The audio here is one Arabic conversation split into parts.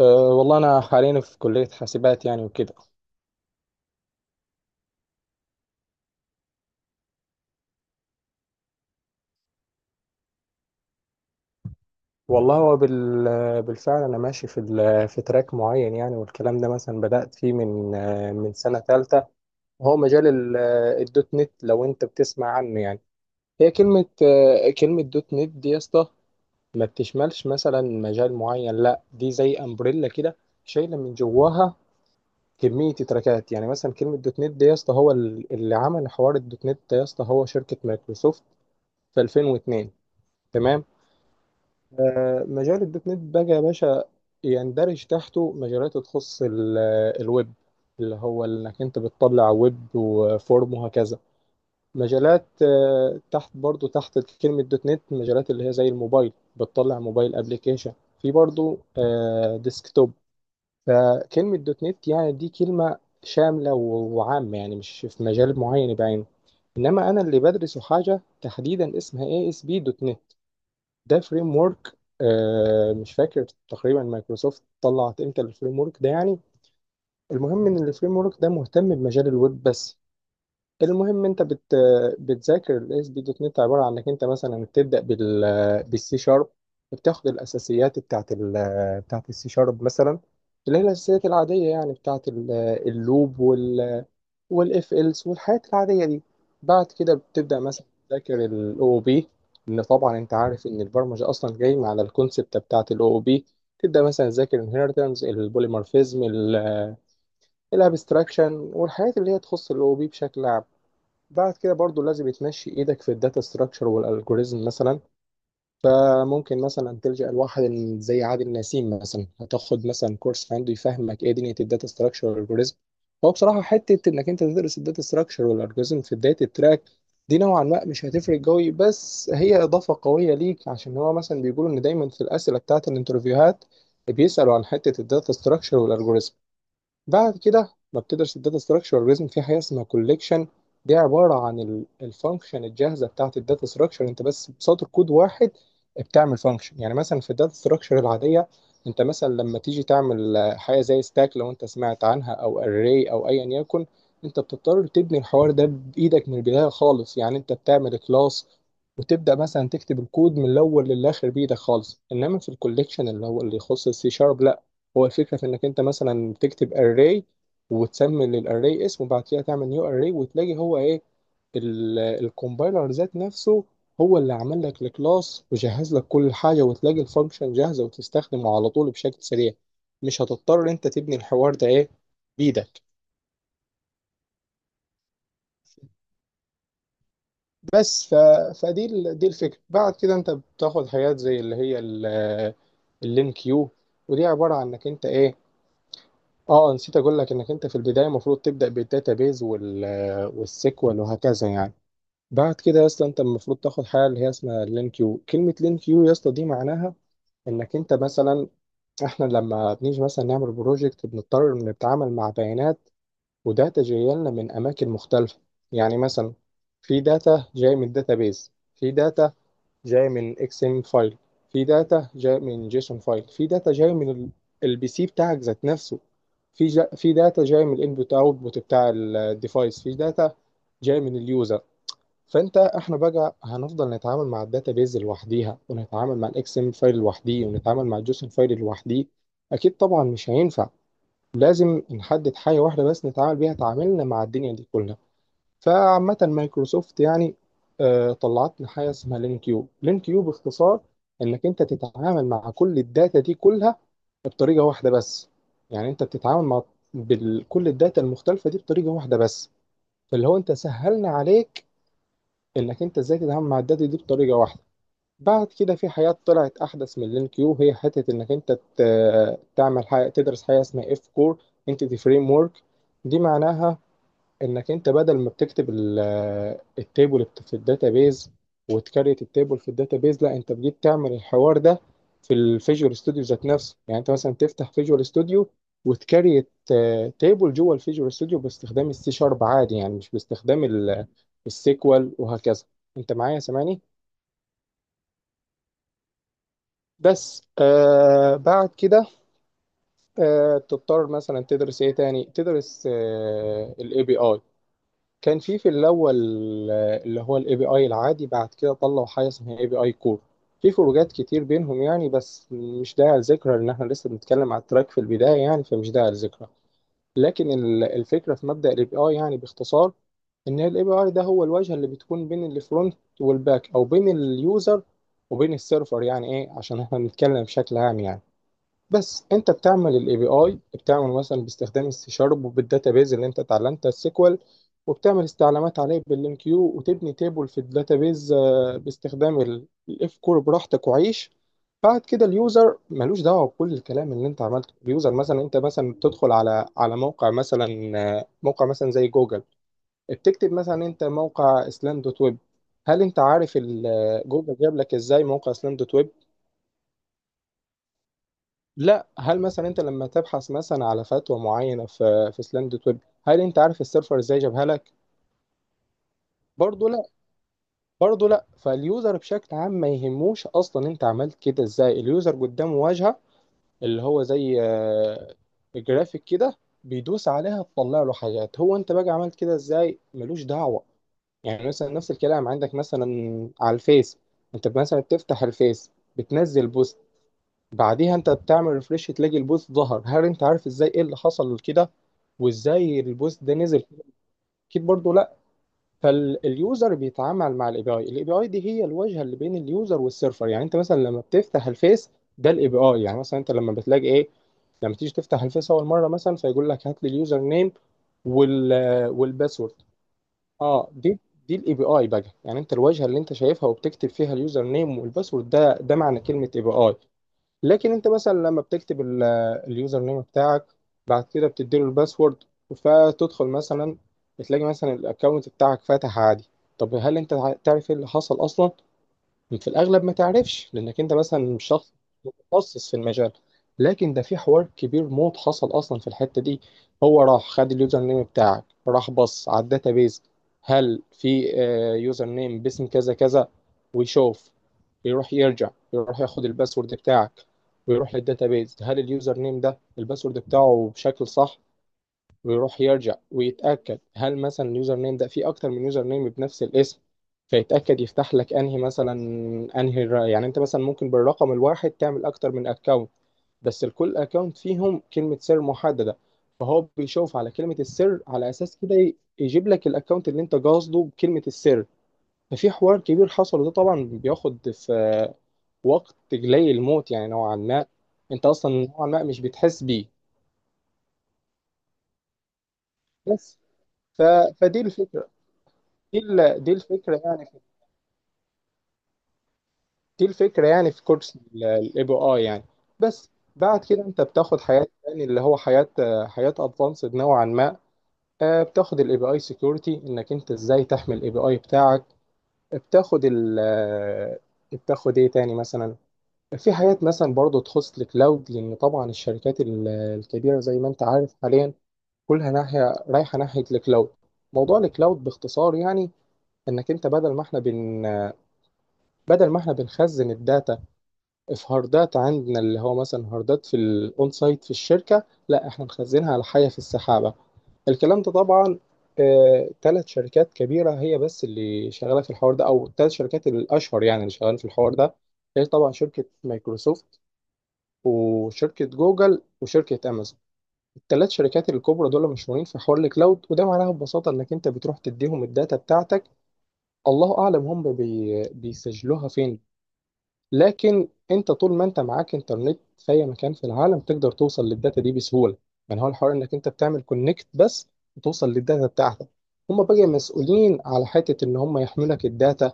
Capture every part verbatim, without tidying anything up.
أه والله أنا حاليا في كلية حاسبات يعني وكده. والله هو بال- بالفعل أنا ماشي في ال- في تراك معين يعني، والكلام ده مثلا بدأت فيه من آه، من سنة تالتة، وهو مجال ال- آه، الدوت نت لو أنت بتسمع عنه يعني. هي كلمة آه، كلمة دوت نت دي يا اسطى ما بتشملش مثلا مجال معين، لا دي زي أمبريلا كده، شايلة من جواها كمية تراكات. يعني مثلا كلمة دوت نت دي يا اسطى، هو ال- اللي عمل حوار الدوت نت ده يا اسطى هو شركة مايكروسوفت في ألفين واتنين. تمام. آه، مجال الدوت نت بقى يا باشا يندرج تحته مجالات تخص ال- الويب، اللي هو انك انت بتطلع ويب وفورم وهكذا. مجالات آه، تحت، برضو تحت كلمة دوت نت، مجالات اللي هي زي الموبايل، بتطلع موبايل ابليكيشن. في برضو آه، ديسكتوب. فكلمة دوت نت يعني دي كلمة شاملة و- وعامة يعني، مش في مجال معين بعينه. انما انا اللي بدرسه حاجة تحديدا اسمها اي اس بي دوت نت. ده فريم ورك، مش فاكر تقريبا مايكروسوفت طلعت امتى الفريم ورك ده يعني. المهم ان الفريم ورك ده مهتم بمجال الويب بس. المهم، انت بت بتذاكر الاس بي دوت نت، عباره عن انك انت مثلا بتبدا بال بالسي شارب، بتاخد الاساسيات بتاعت ال بتاعت السي شارب مثلا، اللي هي الاساسيات العاديه يعني بتاعت ال- اللوب وال والاف إلس والحاجات العادية دي. بعد كده بتبدأ مثلا تذاكر الاو بي. ان طبعا انت عارف ان البرمجة اصلا جاي على الكونسبت بتاعت الاو بي. تبدأ مثلا تذاكر الانهيرتنس، البوليمورفيزم، الابستراكشن، والحاجات اللي هي تخص الاو بي بشكل عام. بعد كده برضو لازم تمشي ايدك في الداتا ستراكشر والالجوريزم مثلا. فممكن مثلا تلجأ لواحد زي عادل نسيم مثلا، هتاخد مثلا كورس عنده يفهمك ايه دنيا الداتا ستراكشر والالجوريزم. هو بصراحه حته انك انت تدرس الداتا ستراكشر والالجوريزم في بدايه التراك دي نوعا ما مش هتفرق قوي، بس هي اضافه قويه ليك، عشان هو مثلا بيقولوا ان دايما في الاسئله بتاعت الانترفيوهات بيسالوا عن حته الداتا ستراكشر والالجوريزم. بعد كده ببتدرس الداتا ستراكشر اورجانيزم في حاجه اسمها كوليكشن. دي عباره عن الفانكشن الجاهزه بتاعت الداتا ستراكشر، انت بس بسطر كود واحد بتعمل فانكشن. يعني مثلا في الداتا ستراكشر العاديه، انت مثلا لما تيجي تعمل آه، حاجه زي ستاك لو انت سمعت عنها، او اري، او ايا يكن، انت بتضطر تبني الحوار ده بايدك من البدايه خالص، يعني انت بتعمل كلاس وتبدا مثلا تكتب الكود من الاول للاخر بايدك خالص. انما في الكوليكشن اللي هو اللي يخص السي شارب، هو الفكرة في إنك أنت مثلا تكتب أري، وتسمي للأري اسم، وبعد كده تعمل نيو أري، وتلاقي هو إيه، ال- الكومبايلر ذات نفسه هو اللي عمل لك الكلاس وجهز لك كل حاجة، وتلاقي الفانكشن جاهزة وتستخدمه على طول بشكل سريع. مش هتضطر أنت تبني الحوار ده إيه، بإيدك. بس ف... فدي ال... دي الفكرة. بعد كده أنت بتاخد حاجات زي اللي هي ال... اللين كيو. ودي عبارة عن إنك أنت إيه. اه، نسيت اقول لك انك انت في البدايه المفروض تبدا بالداتابيز وال والسيكوال وهكذا يعني. بعد كده يا اسطى انت المفروض تاخد حاجه اللي هي اسمها لين كيو. كلمه لين كيو يا اسطى دي معناها انك انت مثلا احنا لما بنيجي مثلا نعمل بروجكت بنضطر إن نتعامل مع بيانات وداتا جايه لنا من اماكن مختلفه. يعني مثلا في داتا جايه من الداتابيز، في داتا جاي من اكس ام فايل، في داتا جاي من جيسون فايل، في داتا جاي من البي سي بتاعك ذات نفسه، في جا في داتا جاي من الانبوت اوتبوت بتاع الديفايس، في داتا جاي من اليوزر. فانت، احنا بقى هنفضل نتعامل مع الداتا بيز لوحديها، ونتعامل مع الاكس ام فايل لوحديه، ونتعامل مع الجيسون فايل لوحديه؟ اكيد طبعا مش هينفع. لازم نحدد حاجه واحده بس نتعامل بيها تعاملنا مع الدنيا دي كلها. فعامة مايكروسوفت يعني آه، طلعت لنا حاجة اسمها لين كيو. لين كيو باختصار انك انت تتعامل مع كل الداتا دي كلها بطريقة واحدة بس. يعني انت بتتعامل مع بال- كل الداتا المختلفة دي بطريقة واحدة بس. فاللي هو انت سهلنا عليك انك انت ازاي تتعامل مع الداتا دي بطريقة واحدة. بعد كده في حاجات طلعت احدث من لين كيو، هي حتة انك انت ت- تعمل حاجة، تدرس حاجة اسمها اف كور انتيتي فريم ورك. دي معناها انك انت بدل ما بتكتب ال- التيبل في الداتابيز وتكريت التيبل في الداتابيز، لا انت بجيت تعمل الحوار ده في الفيجوال ستوديو ذات نفسه. يعني انت مثلا تفتح فيجوال ستوديو وتكريت تيبل جوه الفيجوال ستوديو باستخدام السي شارب عادي، يعني مش باستخدام ال- السيكوال وهكذا. انت معايا سامعني؟ بس آه بعد كده آه تضطر مثلا تدرس ايه تاني، تدرس آه الاي بي اي. كان في في الاول آه، اللي هو الاي بي اي العادي، بعد كده طلعوا حاجه اسمها اي بي اي كور. في فروقات كتير بينهم يعني، بس مش داعي لذكرى، لان احنا لسه بنتكلم على التراك في البدايه يعني، فمش داعي لذكرى. لكن ال- الفكره في مبدا الاي بي اي يعني باختصار ان الاي بي اي ده هو الواجهه اللي بتكون بين الفرونت والباك، او بين اليوزر وبين السيرفر، يعني ايه عشان احنا بنتكلم بشكل عام يعني. بس انت بتعمل الاي بي اي، بتعمل مثلا باستخدام السي شارب، وبالداتابيز اللي انت اتعلمتها السيكوال، وبتعمل استعلامات عليه باللينكيو، وتبني تيبل في الداتابيز آه، باستخدام الاف كور براحتك وعيش. بعد كده اليوزر ملوش دعوه بكل الكلام اللي انت عملته. اليوزر مثلا، انت مثلا بتدخل على على موقع مثلا آه، موقع مثلا زي جوجل، بتكتب مثلا انت موقع اسلام دوت ويب. هل انت عارف ال- آه، جوجل جاب لك ازاي موقع اسلام دوت ويب؟ لا، هل مثلا انت لما تبحث مثلا على فتوى معينه في في سلام دوت ويب، هل انت عارف السيرفر ازاي جابها لك؟ برضه لا، برضه لا. فاليوزر بشكل عام ما يهموش اصلا انت عملت كده ازاي. اليوزر قدامه واجهه اللي هو زي آه، جرافيك كده، بيدوس عليها تطلع له حاجات، هو انت بقى عملت كده ازاي ملوش دعوه. يعني مثلا نفس الكلام عندك مثلا على الفيس، انت مثلا بتفتح الفيس، بتنزل بوست، بعديها انت بتعمل ريفريش تلاقي البوز ظهر. هل انت عارف ازاي ايه اللي حصل كده وازاي البوز ده نزل؟ اكيد برضو لا. فاليوزر بيتعامل مع الاي بي اي. الاي بي اي دي هي الواجهه اللي بين اليوزر والسيرفر. يعني انت مثلا لما بتفتح الفيس ده الاي بي اي. يعني مثلا انت لما بتلاقي ايه، لما تيجي تفتح الفيس اول مره مثلا، فيقول لك هات لي اليوزر نيم وال والباسورد. اه، دي دي الاي بي اي بقى، يعني انت الواجهه اللي انت شايفها وبتكتب فيها اليوزر نيم والباسورد، ده ده معنى كلمه اي بي اي. لكن انت مثلا لما بتكتب ال- اليوزر نيم بتاعك، بعد كده بتديله الباسورد، فتدخل مثلا، بتلاقي مثلا الاكونت بتاعك فتح عادي. طب هل انت تع- تعرف ايه اللي حصل اصلا؟ في الأغلب ما تعرفش لأنك أنت مثلا مش شخص متخصص في المجال. لكن ده في حوار كبير موت حصل أصلا في الحتة دي. هو راح خد اليوزر نيم بتاعك، راح بص على الداتابيز، هل في آه، يوزر نيم باسم كذا كذا، ويشوف. يروح يرجع، يروح ياخد الباسورد بتاعك، ويروح للداتابيز، هل اليوزر نيم ده الباسورد بتاعه بشكل صح، ويروح يرجع ويتأكد، هل مثلا اليوزر نيم ده فيه أكتر من يوزر نيم بنفس الاسم، فيتأكد يفتح لك أنهي مثلا، أنهي الر- يعني أنت مثلا ممكن بالرقم الواحد تعمل أكتر من أكونت، بس لكل أكونت فيهم كلمة سر محددة، فهو بيشوف على كلمة السر على أساس كده، ي- يجيب لك الأكونت اللي أنت قاصده بكلمة السر. ففي حوار كبير حصل، وده طبعا بياخد في وقت جلي الموت يعني نوعا ما، أنت أصلا نوعا ما مش بتحس بيه بس. ف... فدي الفكرة. دي ال- دي الفكره يعني في دي الفكره يعني في كورس الاي بي اي يعني. بس بعد كده انت بتاخد حياه، يعني اللي هو حياه آه، حياه ادفانسد نوعا ما، آه، بتاخد الاي بي اي سكيورتي، انك انت ازاي تحمي الاي بي اي بتاعك، بتاخد ال آه، بتاخد ايه تاني مثلا. في حاجات مثلا برضو تخص الكلاود، لان طبعا الشركات ال- الكبيره زي ما انت عارف حاليا كلها ناحيه رايحه ناحيه الكلاود. موضوع الكلاود باختصار يعني انك انت بدل ما احنا بن آه، بدل ما احنا بنخزن الداتا في هاردات عندنا، اللي هو مثلا هاردات في الاون سايت في الشركه، لا احنا مخزنها على حاجه في السحابه. الكلام ده طبعا، ثلاث شركات كبيره هي بس اللي شغاله في الحوار ده، او الثلاث شركات الاشهر يعني اللي شغالين في الحوار ده، هي طبعا شركه مايكروسوفت وشركه جوجل وشركه امازون. الثلاث شركات الكبرى دول مشهورين في حوار الكلاود. وده معناها ببساطه انك انت بتروح تديهم الداتا بتاعتك، الله اعلم هم بي... بيسجلوها فين. لكن انت طول ما انت معاك انترنت في اي مكان في العالم تقدر توصل للداتا دي بسهوله. يعني هو الحوار انك انت بتعمل كونكت بس وتوصل للداتا بتاعتك. هم بقى مسؤولين على حته ان هم يحملوا لك الداتا،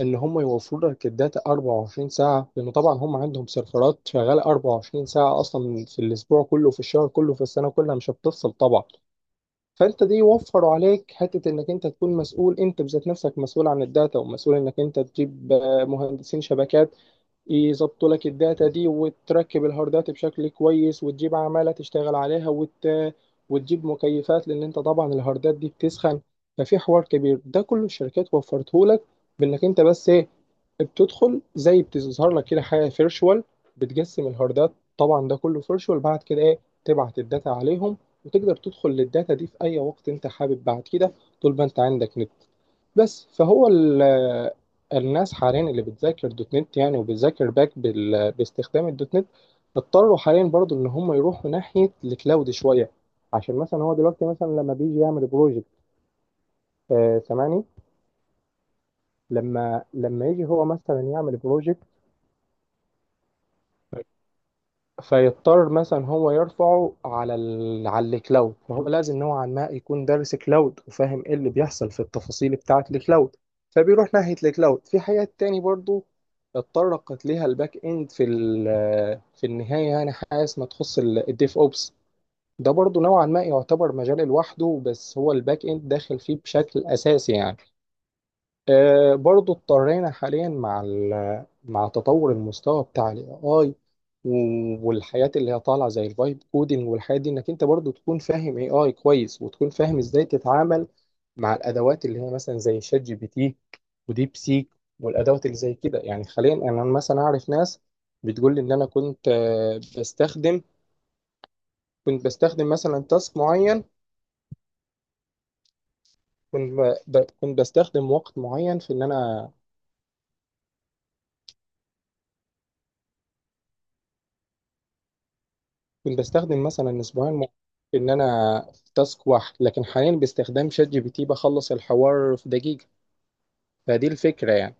ان هم يوفروا لك الداتا أربعة وعشرين ساعه، لانه طبعا هم عندهم سيرفرات شغاله أربعة وعشرين ساعه اصلا، في الاسبوع كله، في الشهر كله، في السنه كلها، مش هتفصل طبعا. فانت دي يوفروا عليك حته انك انت تكون مسؤول، انت بذات نفسك مسؤول عن الداتا، ومسؤول انك انت تجيب آه، مهندسين شبكات يظبطوا لك الداتا دي، وتركب الهاردات بشكل كويس، وتجيب عمالة تشتغل عليها، وت... وتجيب مكيفات لأن أنت طبعا الهاردات دي بتسخن. ففي حوار كبير ده كل الشركات وفرته لك، بإنك أنت بس إيه، بتدخل زي، بتظهر لك كده حاجة فيرشوال بتقسم الهاردات، طبعا ده كله فيرشوال، بعد كده إيه، تبعت الداتا عليهم، وتقدر تدخل للداتا دي في أي وقت أنت حابب بعد كده، طول ما أنت عندك نت بس. فهو ال الناس حاليا اللي بتذاكر دوت نت يعني، وبتذاكر باك بال... باستخدام الدوت نت، اضطروا حاليا برضو ان هم يروحوا ناحية الكلاود شوية، عشان مثلا هو دلوقتي مثلا لما بيجي يعمل بروجكت، آه سامعني؟ لما لما يجي هو مثلا يعمل بروجكت، فيضطر مثلا هو يرفعه على ال... على الكلاود، ما هو لازم نوعا ما يكون دارس كلاود وفاهم ايه اللي بيحصل في التفاصيل بتاعه الكلاود. فبيروح ناحيه الكلاود. في حاجات تاني برضو اتطرقت ليها الباك اند في ال... في النهايه يعني، حاجه ما تخص ال- الديف اوبس. ده برضو نوعا ما يعتبر مجال لوحده، بس هو الباك اند داخل فيه بشكل اساسي يعني. آه، برضو اضطرينا حاليا مع ال- مع تطور المستوى بتاع الاي اي والحياة اللي هي طالعة زي الفايب كودing والحياة دي، انك انت برضو تكون فاهم اي اي كويس، وتكون فاهم ازاي تتعامل مع الادوات اللي هي مثلا زي شات جي بي تي وديب سيك والادوات اللي زي كده يعني. حاليا انا مثلا اعرف ناس بتقول لي ان انا كنت آه، بستخدم كنت بستخدم مثلا تاسك معين، كنت ب- كنت بستخدم وقت معين في ان انا كنت بستخدم مثلا اسبوعين مع- ان انا في تاسك واحد، لكن حاليا باستخدام شات جي بي تي بخلص الحوار في دقيقة. فدي الفكرة يعني.